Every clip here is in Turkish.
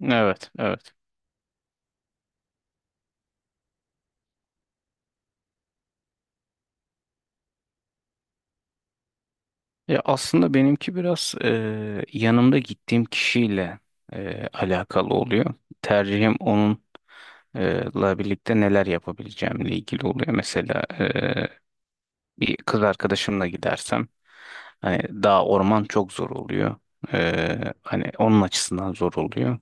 Evet, evet. Ya aslında benimki biraz yanımda gittiğim kişiyle alakalı oluyor. Tercihim onunla birlikte neler yapabileceğimle ilgili oluyor. Mesela bir kız arkadaşımla gidersem hani dağ orman çok zor oluyor. Hani onun açısından zor oluyor.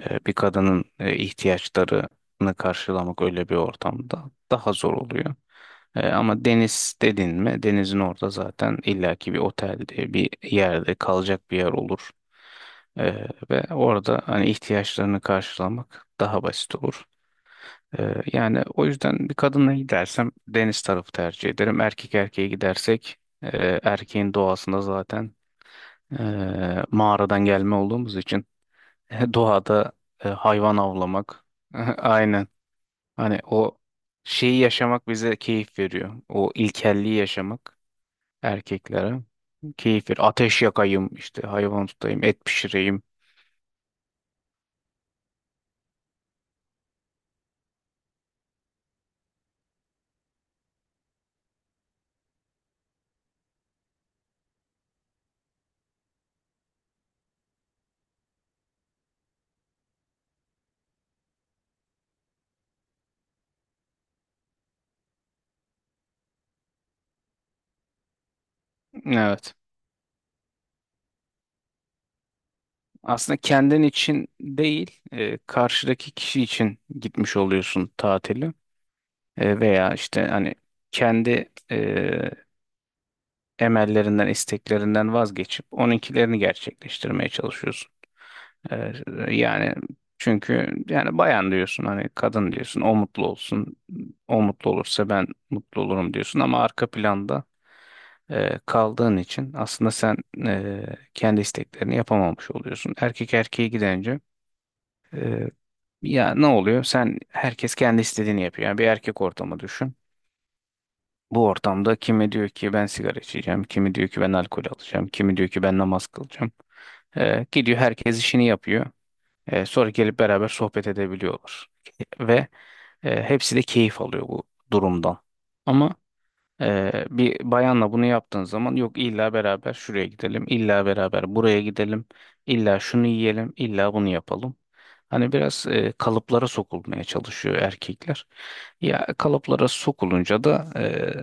Bir kadının ihtiyaçlarını karşılamak öyle bir ortamda daha zor oluyor. Ama deniz dedin mi denizin orada zaten illaki bir otelde bir yerde kalacak bir yer olur. Ve orada hani ihtiyaçlarını karşılamak daha basit olur. Yani o yüzden bir kadınla gidersem deniz tarafı tercih ederim. Erkek erkeğe gidersek erkeğin doğasında zaten mağaradan gelme olduğumuz için doğada hayvan avlamak aynen hani o şeyi yaşamak bize keyif veriyor. O ilkelliği yaşamak. Erkeklere. Keyif ver. Ateş yakayım, işte hayvan tutayım, et pişireyim. Evet. Aslında kendin için değil, karşıdaki kişi için gitmiş oluyorsun tatili. Veya işte hani kendi emellerinden, isteklerinden vazgeçip onunkilerini gerçekleştirmeye çalışıyorsun. E, yani çünkü yani bayan diyorsun hani kadın diyorsun o mutlu olsun. O mutlu olursa ben mutlu olurum diyorsun ama arka planda kaldığın için aslında sen e, kendi isteklerini yapamamış oluyorsun. Erkek erkeğe gidince e, ya ne oluyor? Sen herkes kendi istediğini yapıyor. Yani bir erkek ortamı düşün. Bu ortamda kimi diyor ki ben sigara içeceğim, kimi diyor ki ben alkol alacağım, kimi diyor ki ben namaz kılacağım. Gidiyor herkes işini yapıyor. Sonra gelip beraber sohbet edebiliyorlar. Ve hepsi de keyif alıyor bu durumdan. Ama bir bayanla bunu yaptığın zaman yok illa beraber şuraya gidelim, illa beraber buraya gidelim, illa şunu yiyelim, illa bunu yapalım. Hani biraz kalıplara sokulmaya çalışıyor erkekler. Ya kalıplara sokulunca da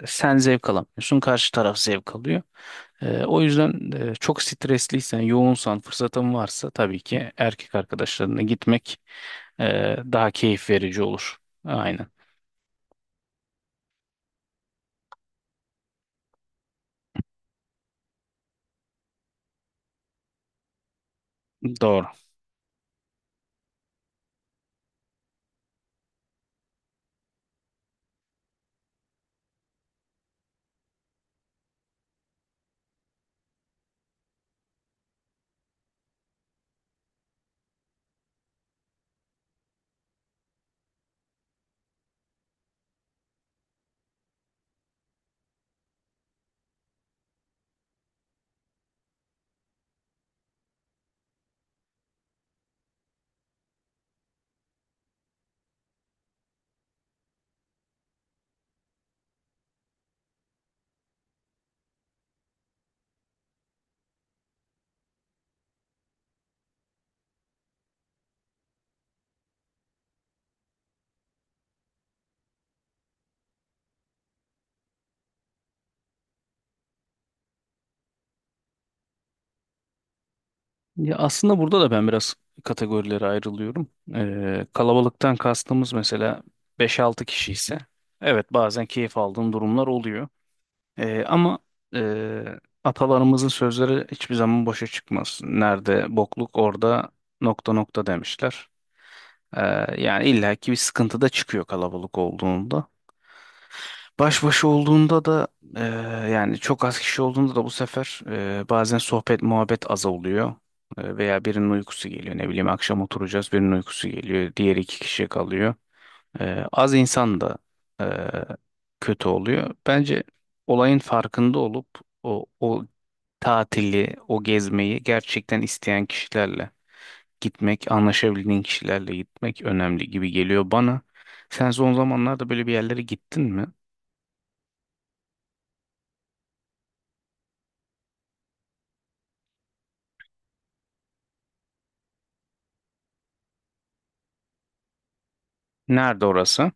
sen zevk alamıyorsun, karşı taraf zevk alıyor. O yüzden çok stresliysen, yoğunsan, fırsatın varsa tabii ki erkek arkadaşlarına gitmek e, daha keyif verici olur. Aynen. Doğru. Ya aslında burada da ben biraz kategorilere ayrılıyorum. Kalabalıktan kastımız mesela beş-altı kişi ise evet bazen keyif aldığım durumlar oluyor. Ama e, atalarımızın sözleri hiçbir zaman boşa çıkmaz. Nerede bokluk orada nokta nokta demişler. Ee, yani illaki bir sıkıntı da çıkıyor kalabalık olduğunda. Baş başa olduğunda da eee, yani çok az kişi olduğunda da bu sefer bazen sohbet muhabbet az oluyor. Veya birinin uykusu geliyor ne bileyim akşam oturacağız birinin uykusu geliyor diğer iki kişi kalıyor. Az insan da eee, kötü oluyor. Bence olayın farkında olup o tatili o gezmeyi gerçekten isteyen kişilerle gitmek anlaşabildiğin kişilerle gitmek önemli gibi geliyor bana. Sen son zamanlarda böyle bir yerlere gittin mi? Nerede orası?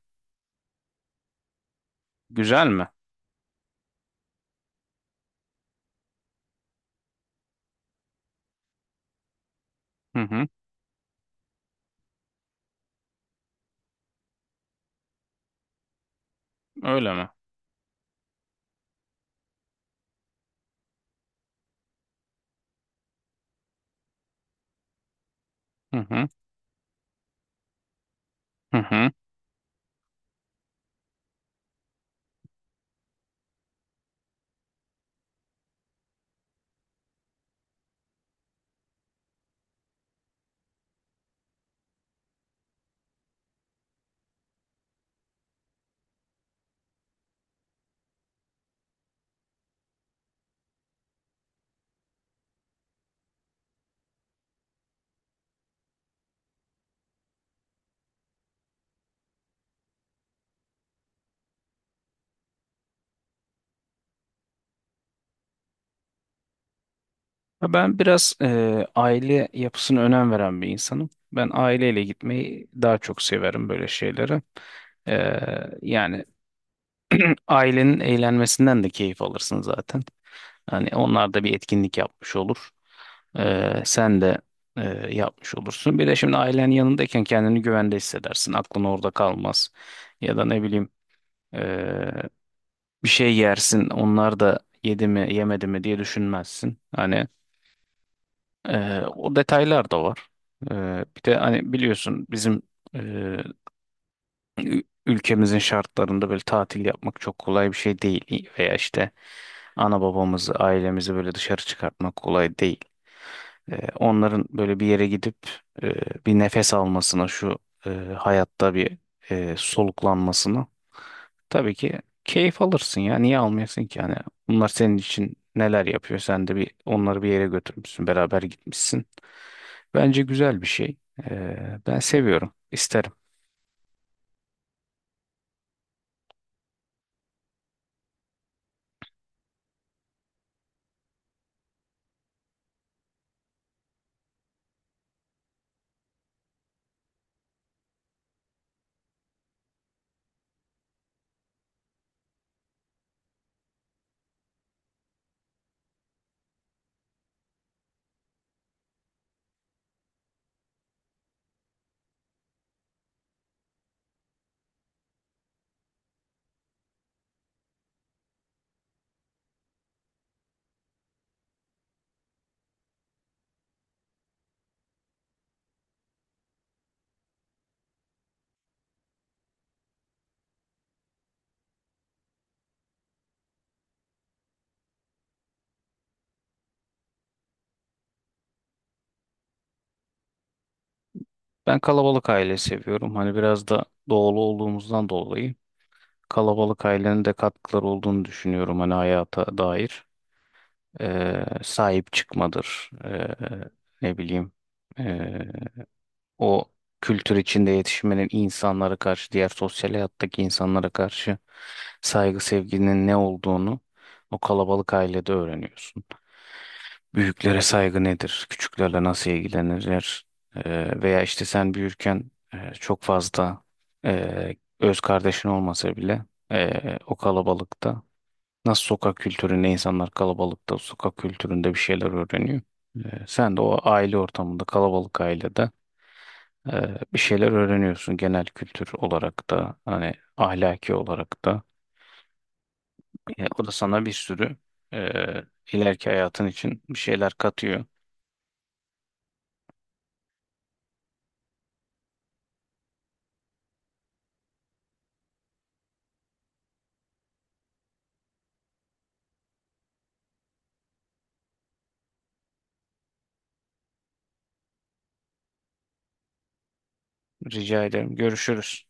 Güzel mi? Hı hı. Öyle mi? Hı hı. Hı hı. Ya ben biraz aile yapısına önem veren bir insanım. Ben aileyle gitmeyi daha çok severim böyle şeylere. E, yani ailenin eğlenmesinden de keyif alırsın zaten. Hani onlar da bir etkinlik yapmış olur. Sen de e, yapmış olursun. Bir de şimdi ailen yanındayken kendini güvende hissedersin. Aklın orada kalmaz. Ya da ne bileyim e, bir şey yersin onlar da yedi mi yemedi mi diye düşünmezsin. Hani o detaylar da var. Bir de hani biliyorsun bizim e, ülkemizin şartlarında böyle tatil yapmak çok kolay bir şey değil. Veya işte ana babamızı ailemizi böyle dışarı çıkartmak kolay değil. Onların böyle bir yere gidip e, bir nefes almasına şu e, hayatta bir soluklanmasına. Tabii ki keyif alırsın ya. Niye almayasın ki? Yani bunlar senin için neler yapıyor? Sen de bir onları bir yere götürmüşsün. Beraber gitmişsin. Bence güzel bir şey. Ben seviyorum. İsterim. Ben kalabalık aile seviyorum. Hani biraz da doğulu olduğumuzdan dolayı kalabalık ailenin de katkıları olduğunu düşünüyorum. Hani hayata dair. Sahip çıkmadır. Ne bileyim. ee, O kültür içinde yetişmenin insanlara karşı, diğer sosyal hayattaki insanlara karşı saygı sevginin ne olduğunu o kalabalık ailede öğreniyorsun. Büyüklere saygı nedir? Küçüklerle nasıl ilgilenirler? Veya işte sen büyürken çok fazla öz kardeşin olmasa bile e, o kalabalıkta nasıl sokak kültüründe insanlar kalabalıkta sokak kültüründe bir şeyler öğreniyor. Sen de o aile ortamında kalabalık ailede bir şeyler öğreniyorsun genel kültür olarak da hani ahlaki olarak da. O da sana bir sürü e, ileriki hayatın için bir şeyler katıyor. Rica ederim. Görüşürüz.